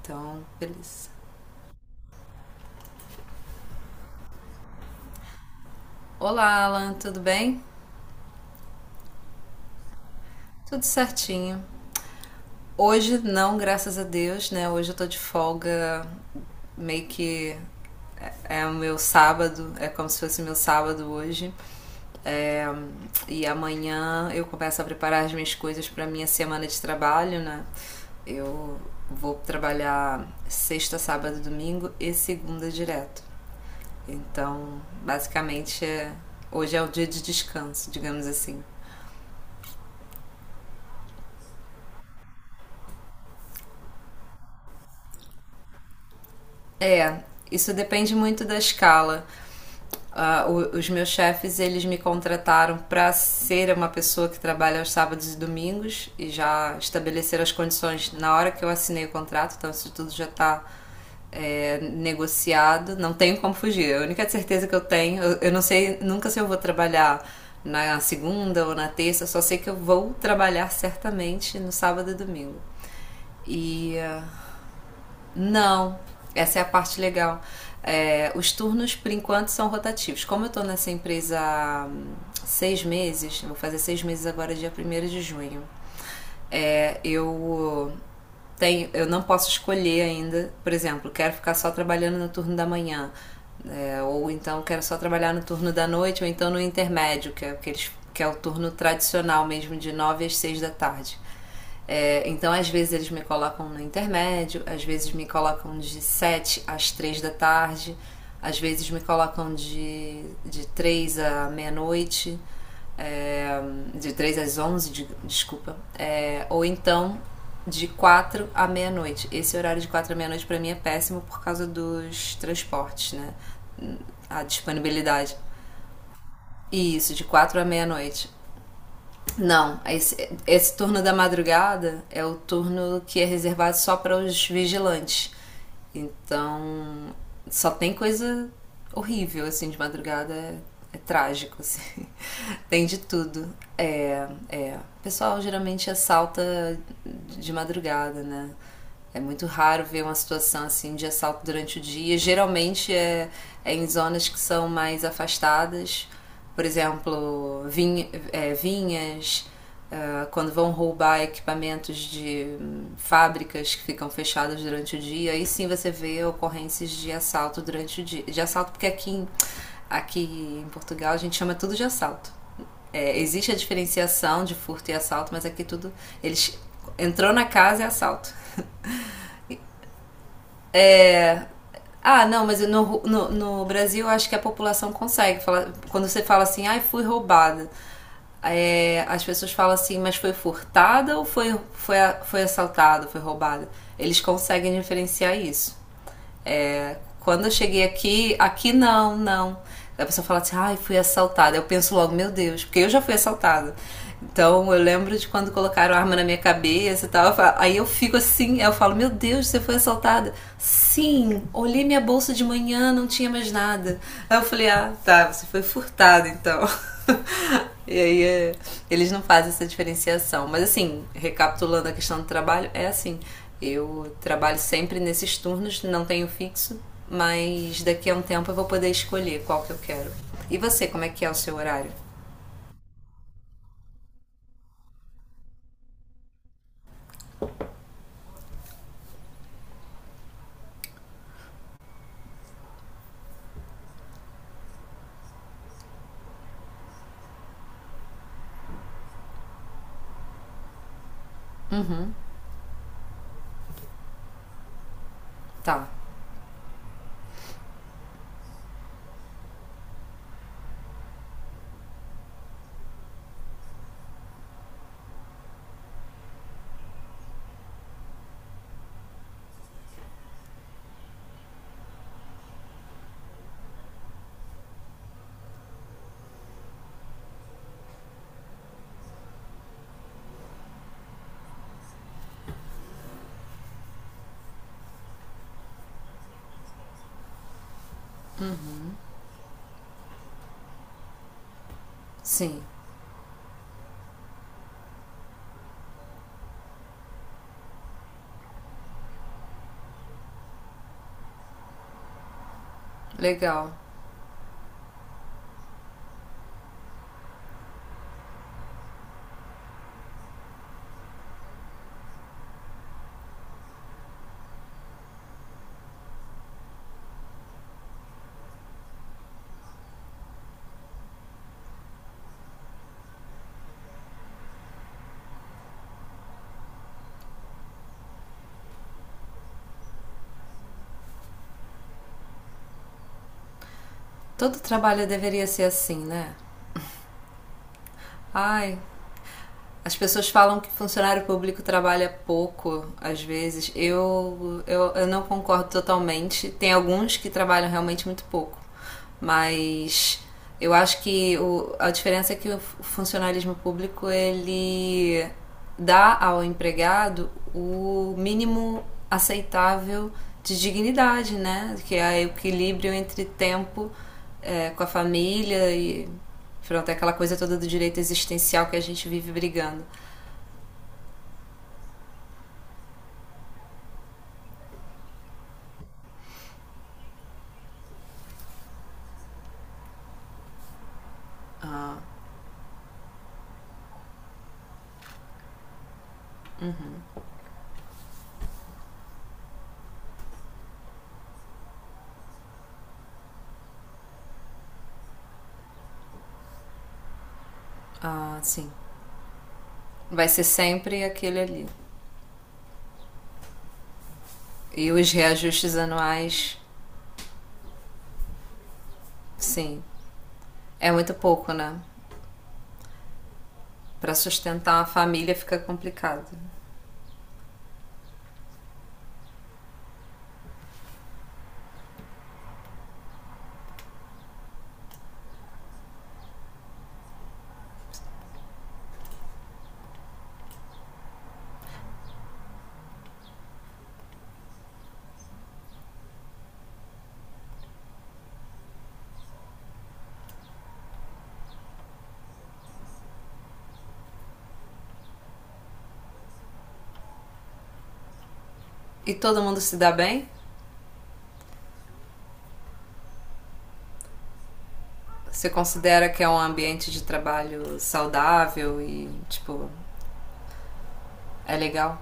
Então, beleza. Olá, Alan, tudo bem? Tudo certinho. Hoje não, graças a Deus, né? Hoje eu tô de folga, meio que é o meu sábado, é como se fosse meu sábado hoje. É, e amanhã eu começo a preparar as minhas coisas para minha semana de trabalho, né? Eu vou trabalhar sexta, sábado, domingo e segunda direto. Então, basicamente, hoje é o dia de descanso, digamos assim. É, isso depende muito da escala. Ah, os meus chefes, eles me contrataram para ser uma pessoa que trabalha aos sábados e domingos e já estabeleceram as condições na hora que eu assinei o contrato, então isso tudo já está negociado. Não tenho como fugir. A única certeza que eu tenho, eu não sei nunca se eu vou trabalhar na segunda ou na terça, eu só sei que eu vou trabalhar certamente no sábado e domingo. E ah, não, essa é a parte legal. É, os turnos, por enquanto, são rotativos. Como eu estou nessa empresa há 6 meses, eu vou fazer 6 meses agora, dia 1º de junho, eu tenho, eu não posso escolher ainda, por exemplo, quero ficar só trabalhando no turno da manhã, ou então quero só trabalhar no turno da noite, ou então no intermédio, que é, que eles, que é o turno tradicional mesmo, de 9 às 6 da tarde. Então, às vezes eles me colocam no intermédio, às vezes me colocam de 7 às 3 da tarde, às vezes me colocam de 3 à meia-noite, é, de 3 às 11 de, desculpa. Ou então de 4 à meia-noite. Esse horário de 4 à meia-noite pra mim é péssimo por causa dos transportes, né? A disponibilidade. Isso, de 4 à meia-noite. Não, esse turno da madrugada é o turno que é reservado só para os vigilantes. Então, só tem coisa horrível, assim, de madrugada. É trágico, assim. Tem de tudo. É, é. O pessoal geralmente assalta de madrugada, né? É muito raro ver uma situação assim de assalto durante o dia. Geralmente é em zonas que são mais afastadas, por exemplo, vinhas, ah, quando vão roubar equipamentos de fábricas que ficam fechadas durante o dia. Aí sim você vê ocorrências de assalto durante o dia. De assalto, porque aqui em Portugal a gente chama tudo de assalto. É, existe a diferenciação de furto e assalto, mas aqui tudo. Eles entrou na casa é assalto. Ah, não, mas no Brasil eu acho que a população consegue falar. Quando você fala assim, ai, fui roubada. As pessoas falam assim, mas foi furtada ou foi assaltada, foi roubada? Eles conseguem diferenciar isso. É, quando eu cheguei aqui, aqui não, não. A pessoa fala assim, ai, fui assaltada. Eu penso logo, meu Deus, porque eu já fui assaltada. Então eu lembro de quando colocaram a arma na minha cabeça e tal. Aí eu fico assim, eu falo, meu Deus, você foi assaltada? Sim, olhei minha bolsa de manhã, não tinha mais nada. Aí eu falei, ah, tá, você foi furtada então. E aí é, eles não fazem essa diferenciação. Mas assim, recapitulando a questão do trabalho, é assim. Eu trabalho sempre nesses turnos, não tenho fixo, mas daqui a um tempo eu vou poder escolher qual que eu quero. E você, como é que é o seu horário? Tá, sim, legal. Todo trabalho deveria ser assim, né? Ai, as pessoas falam que funcionário público trabalha pouco, às vezes. Eu não concordo totalmente. Tem alguns que trabalham realmente muito pouco. Mas eu acho que a diferença é que o funcionalismo público ele dá ao empregado o mínimo aceitável de dignidade, né? Que é o equilíbrio entre tempo com a família e pronto, é aquela coisa toda do direito existencial que a gente vive brigando. Ah, sim. Vai ser sempre aquele ali. E os reajustes anuais, sim. É muito pouco, né? Para sustentar uma família fica complicado. E todo mundo se dá bem? Você considera que é um ambiente de trabalho saudável e, tipo, é legal?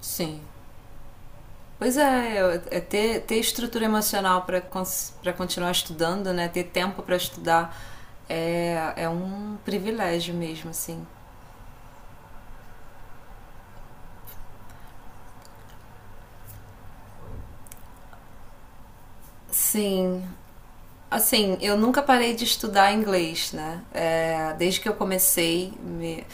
Sim. Pois é, é ter, ter estrutura emocional para continuar estudando, né? Ter tempo para estudar é um privilégio mesmo, assim. Sim, assim, eu nunca parei de estudar inglês, né? É, desde que eu comecei, me,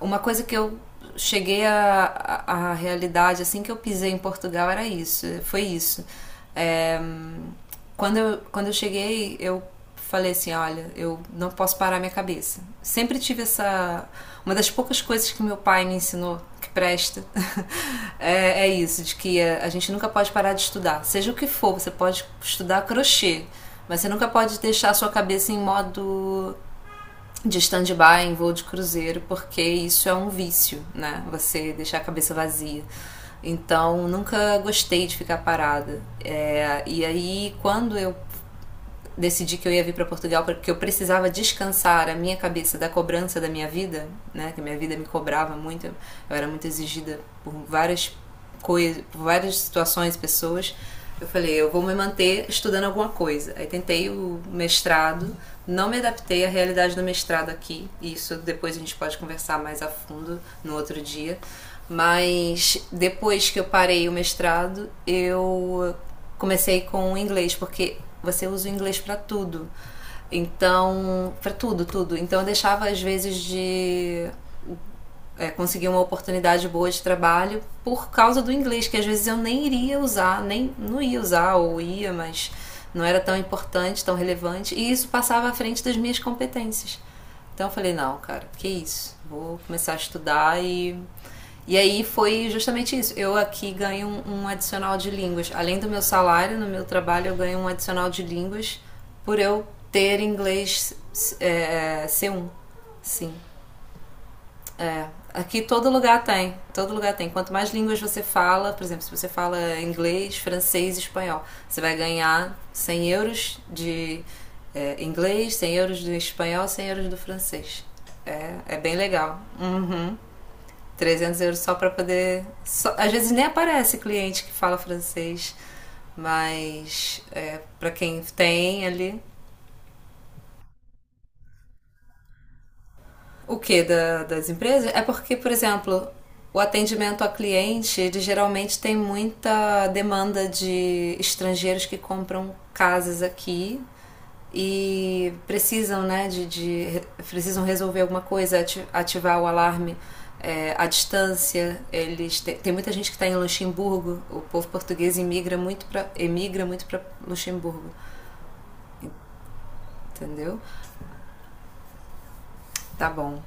uma coisa que eu cheguei à realidade assim que eu pisei em Portugal era isso, foi isso. É, Quando eu cheguei, eu falei assim, olha, eu não posso parar minha cabeça. Sempre tive essa. Uma das poucas coisas que meu pai me ensinou que presta é isso, de que a gente nunca pode parar de estudar. Seja o que for, você pode estudar crochê, mas você nunca pode deixar a sua cabeça em modo de stand-by em voo de cruzeiro, porque isso é um vício, né? Você deixar a cabeça vazia. Então, nunca gostei de ficar parada. É, e aí, quando eu decidi que eu ia vir para Portugal porque eu precisava descansar a minha cabeça da cobrança da minha vida, né? Que a minha vida me cobrava muito, eu era muito exigida por várias coisas, por várias situações, pessoas. Eu falei, eu vou me manter estudando alguma coisa. Aí tentei o mestrado, não me adaptei à realidade do mestrado aqui. Isso depois a gente pode conversar mais a fundo no outro dia. Mas depois que eu parei o mestrado, eu comecei com o inglês, porque você usa o inglês para tudo. Então, para tudo, tudo. Então eu deixava às vezes de conseguir uma oportunidade boa de trabalho por causa do inglês, que às vezes eu nem iria usar, nem não ia usar ou ia, mas não era tão importante, tão relevante, e isso passava à frente das minhas competências. Então eu falei, não, cara, que isso? Vou começar a estudar e aí foi justamente isso. Eu aqui ganho um adicional de línguas. Além do meu salário, no meu trabalho eu ganho um adicional de línguas por eu ter inglês é, é, c um Sim. É, aqui todo lugar tem, todo lugar tem. Quanto mais línguas você fala, por exemplo, se você fala inglês, francês, espanhol, você vai ganhar 100 euros de inglês, 100 euros do espanhol, 100 euros do francês. É, é bem legal. Uhum. 300 euros só para poder. Às vezes nem aparece cliente que fala francês, mas é, para quem tem ali, o que da, das empresas? É porque, por exemplo, o atendimento a cliente, ele geralmente tem muita demanda de estrangeiros que compram casas aqui e precisam, né, de precisam resolver alguma coisa, ativar o alarme à distância. Eles te, tem muita gente que está em Luxemburgo. O povo português imigra muito para emigra muito para Luxemburgo, entendeu? Tá bom.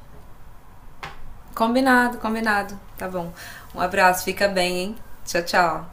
Combinado, combinado. Tá bom. Um abraço, fica bem, hein? Tchau, tchau.